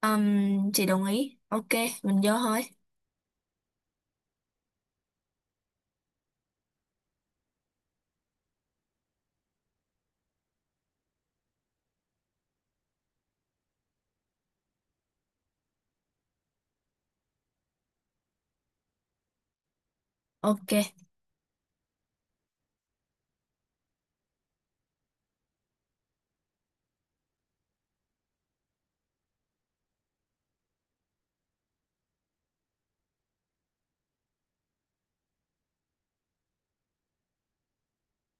Chị đồng ý. Ok, mình vô thôi. Ok.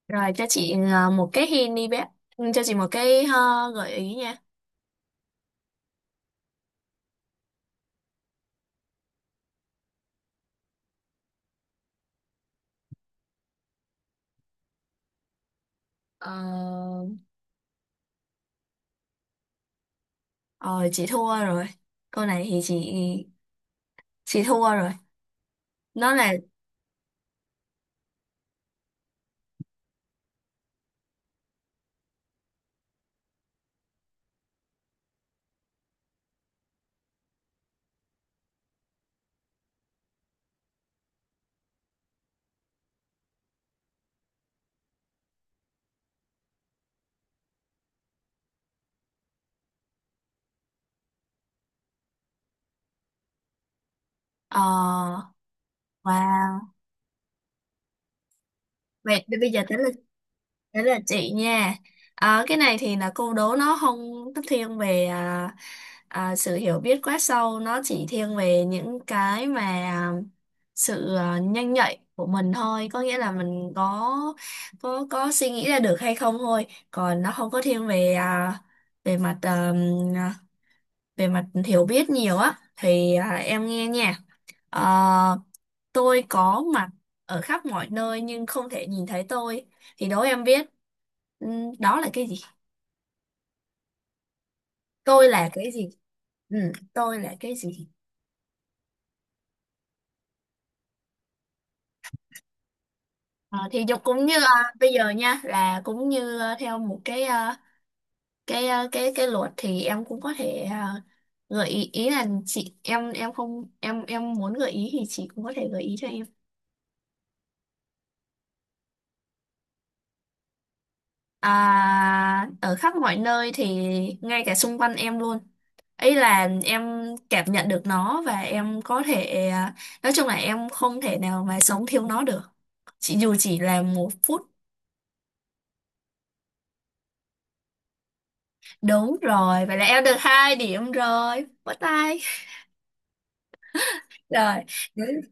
Rồi cho chị một cái hint đi bé. Ừ, cho chị một cái gợi ý nha. Ờ, ờ, chị thua rồi. Câu này thì chị thua rồi. Nó là ờ wow. Vậy thì bây giờ tới lượt, đấy là chị nha. Cái này thì là câu đố nó không thiên về sự hiểu biết quá sâu, nó chỉ thiên về những cái mà sự nhanh nhạy của mình thôi, có nghĩa là mình có suy nghĩ ra được hay không thôi, còn nó không có thiên về về mặt về mặt hiểu biết nhiều á. Thì à, em nghe nha. Ờ, tôi có mặt ở khắp mọi nơi nhưng không thể nhìn thấy tôi. Thì đố em biết, ừm, đó là cái gì? Tôi là cái gì? Ừ, tôi là cái gì? Ờ, thì dục cũng như à, bây giờ nha là cũng như à, theo một cái cái luật thì em cũng có thể gợi ý, ý là chị em không em em muốn gợi ý thì chị cũng có thể gợi ý cho em. À, ở khắp mọi nơi thì ngay cả xung quanh em luôn. Ý là em cảm nhận được nó và em có thể nói chung là em không thể nào mà sống thiếu nó được. Chỉ dù chỉ là một phút. Đúng rồi, vậy là em được 2 điểm rồi. Bắt tay. Rồi. Đấy.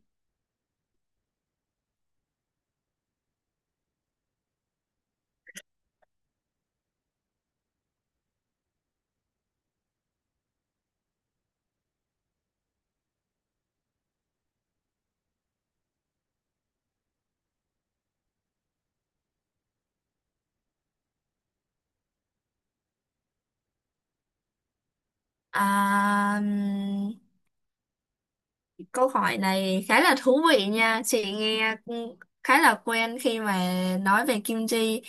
À, câu hỏi này khá là thú vị nha. Chị nghe cũng khá là quen khi mà nói về kim chi.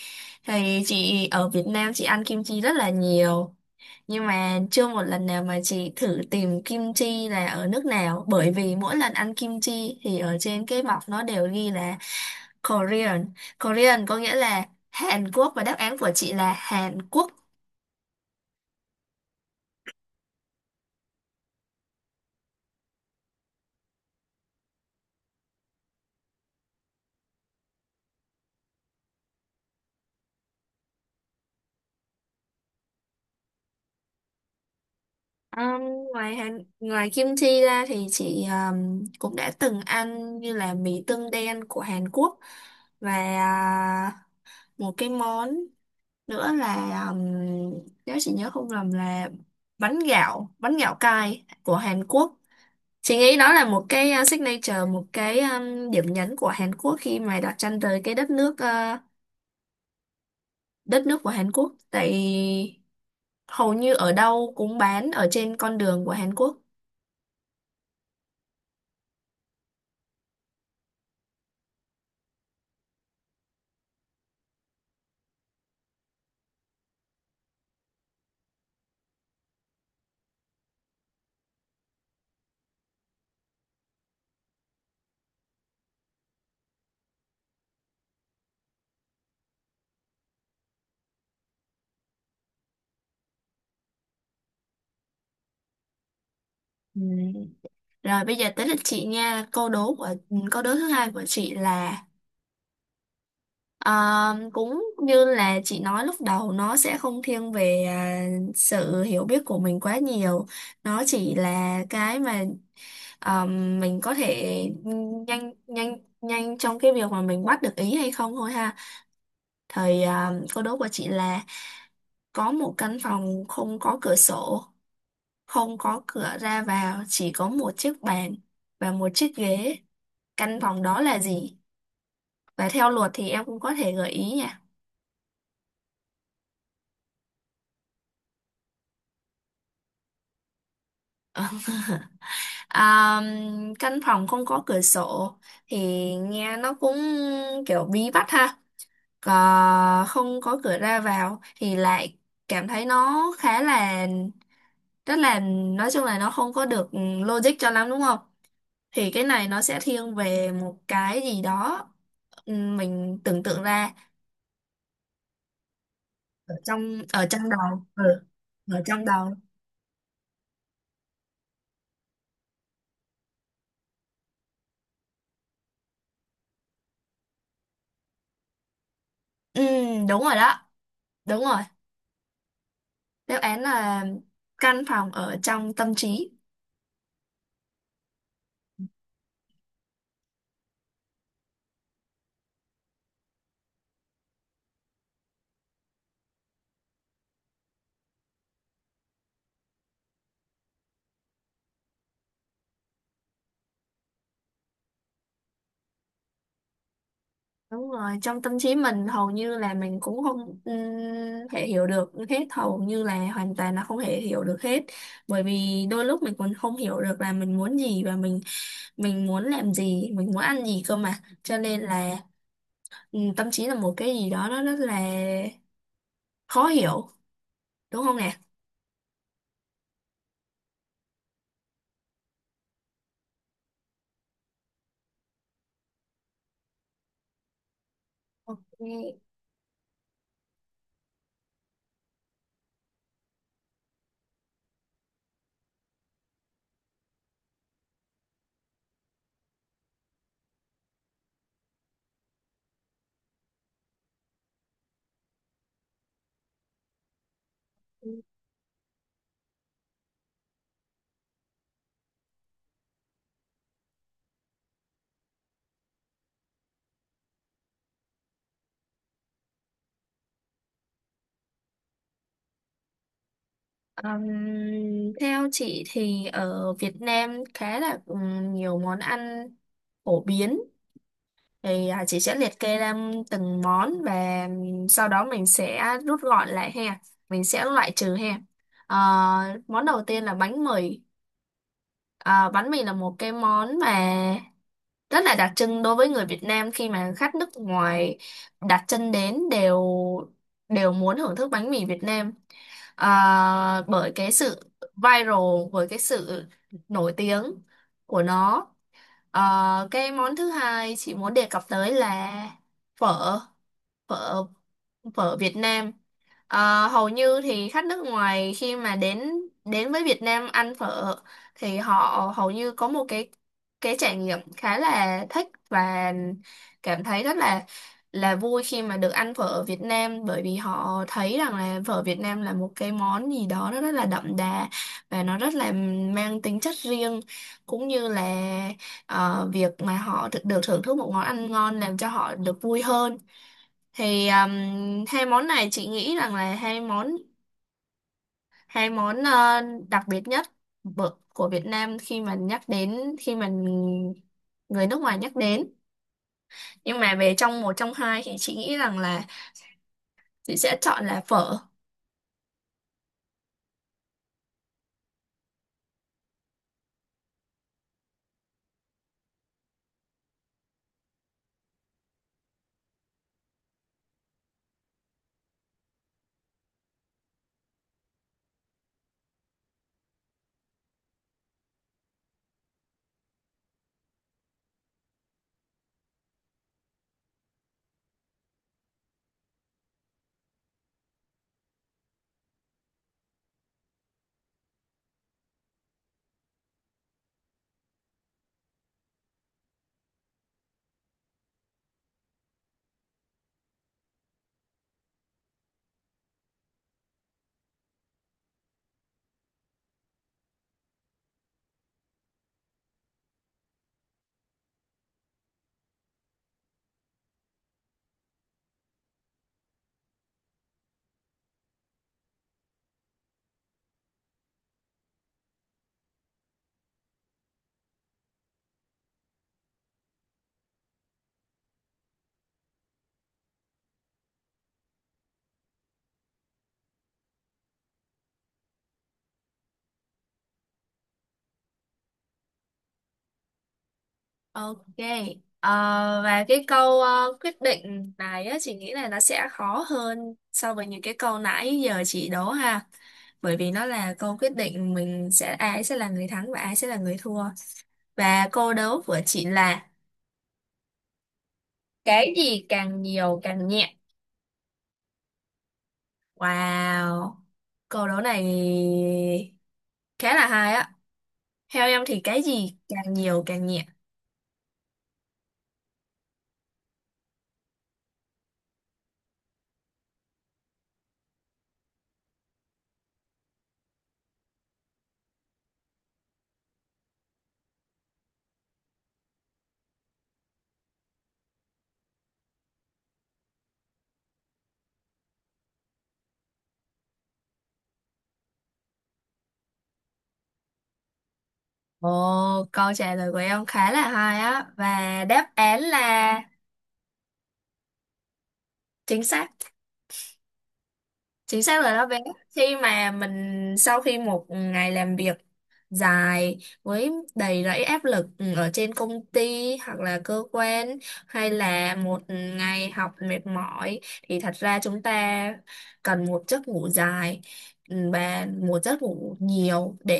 Thì chị ở Việt Nam chị ăn kim chi rất là nhiều. Nhưng mà chưa một lần nào mà chị thử tìm kim chi là ở nước nào, bởi vì mỗi lần ăn kim chi thì ở trên cái bọc nó đều ghi là Korean. Korean có nghĩa là Hàn Quốc và đáp án của chị là Hàn Quốc. Ừm, Ngoài Hàn, ngoài kim chi ra thì chị cũng đã từng ăn như là mì tương đen của Hàn Quốc và một cái món nữa là ừm, nếu chị nhớ không lầm là bánh gạo cay của Hàn Quốc. Chị nghĩ đó là một cái signature, một cái điểm nhấn của Hàn Quốc khi mà đặt chân tới cái đất nước, đất nước của Hàn Quốc. Tại hầu như ở đâu cũng bán ở trên con đường của Hàn Quốc. Ừm. Rồi bây giờ tới lượt chị nha. Câu đố của ừ, câu đố thứ hai của chị là cũng như là chị nói lúc đầu, nó sẽ không thiên về sự hiểu biết của mình quá nhiều. Nó chỉ là cái mà ờ, mình có thể nhanh nhanh nhanh trong cái việc mà mình bắt được ý hay không thôi ha. Thời câu đố của chị là có một căn phòng không có cửa sổ, không có cửa ra vào, chỉ có một chiếc bàn và một chiếc ghế. Căn phòng đó là gì? Và theo luật thì em cũng có thể gợi ý nha. Ờ. À, căn phòng không có cửa sổ thì nghe nó cũng kiểu bí bách ha, không có cửa ra vào thì lại cảm thấy nó khá là rất là nói chung là nó không có được logic cho lắm, đúng không? Thì cái này nó sẽ thiên về một cái gì đó mình tưởng tượng ra ở trong đầu, ở trong đầu. ừ, Đúng rồi đó, đúng rồi, đáp án là căn phòng ở trong tâm trí. Đúng rồi, trong tâm trí mình hầu như là mình cũng không thể hiểu được hết, hầu như là hoàn toàn là không thể hiểu được hết. Bởi vì đôi lúc mình còn không hiểu được là mình muốn gì và mình muốn làm gì, mình muốn ăn gì cơ mà. Cho nên là tâm trí là một cái gì đó nó rất là khó hiểu, đúng không nè? Ok. Theo chị thì ở Việt Nam khá là nhiều món ăn phổ biến, thì chị sẽ liệt kê ra từng món và sau đó mình sẽ rút gọn lại ha, mình sẽ loại trừ ha. Ờ, Món đầu tiên là bánh mì. Ờ, bánh mì là một cái món mà rất là đặc trưng đối với người Việt Nam, khi mà khách nước ngoài đặt chân đến đều đều muốn thưởng thức bánh mì Việt Nam. Ờ, bởi cái sự viral, bởi cái sự nổi tiếng của nó. Ờ, cái món thứ hai chị muốn đề cập tới là phở phở phở Việt Nam. Ờ, hầu như thì khách nước ngoài khi mà đến đến với Việt Nam ăn phở thì họ hầu như có một cái trải nghiệm khá là thích và cảm thấy rất là vui khi mà được ăn phở ở Việt Nam, bởi vì họ thấy rằng là phở Việt Nam là một cái món gì đó nó rất là đậm đà và nó rất là mang tính chất riêng, cũng như là việc mà họ được thưởng thức một món ăn ngon làm cho họ được vui hơn. Thì hai món này chị nghĩ rằng là hai món đặc biệt nhất của Việt Nam khi mà nhắc đến, khi mà người nước ngoài nhắc đến, nhưng mà về trong một trong hai thì chị nghĩ rằng là chị sẽ chọn là phở. Ok. Ờ, và cái câu quyết định này á, chị nghĩ là nó sẽ khó hơn so với những cái câu nãy giờ chị đố ha, bởi vì nó là câu quyết định mình sẽ ai sẽ là người thắng và ai sẽ là người thua. Và câu đố của chị là: cái gì càng nhiều càng nhẹ. Wow. Câu đố này khá là hay á. Theo em thì cái gì càng nhiều càng nhẹ. Ồ, câu trả lời của em khá là hay á. Và đáp án là chính xác. Chính xác là đó bé, khi mà mình sau khi một ngày làm việc dài với đầy rẫy áp lực, ở trên công ty hoặc là cơ quan hay là một ngày học mệt mỏi, thì thật ra chúng ta cần một giấc ngủ dài, và một giấc ngủ nhiều để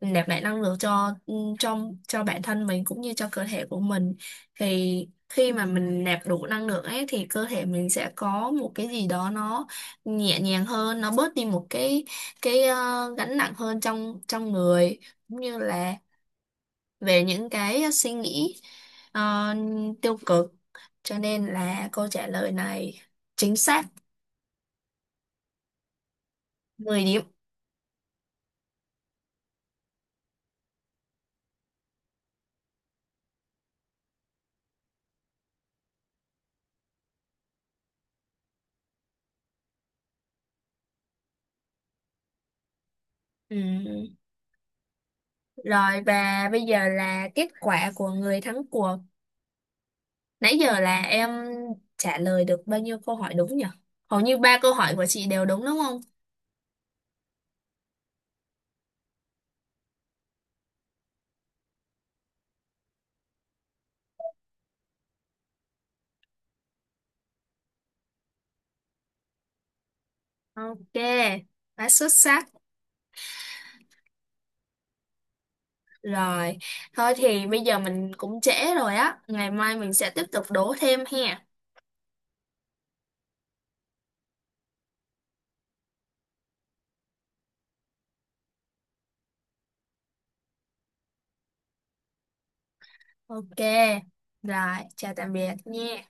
nạp lại năng lượng cho trong cho bản thân mình cũng như cho cơ thể của mình. Thì khi mà mình nạp đủ năng lượng ấy thì cơ thể mình sẽ có một cái gì đó nó nhẹ nhàng hơn, nó bớt đi một cái gánh nặng hơn trong trong người, cũng như là về những cái suy nghĩ ờ, tiêu cực. Cho nên là câu trả lời này chính xác, 10 điểm. Ừ. Rồi và bây giờ là kết quả của người thắng cuộc. Nãy giờ là em trả lời được bao nhiêu câu hỏi đúng nhỉ? Hầu như 3 câu hỏi của chị đều đúng đúng không? Ok, quá xuất sắc. Rồi, thôi thì bây giờ mình cũng trễ rồi á, ngày mai mình sẽ tiếp tục đố thêm ha. Ok, rồi, chào tạm biệt nha.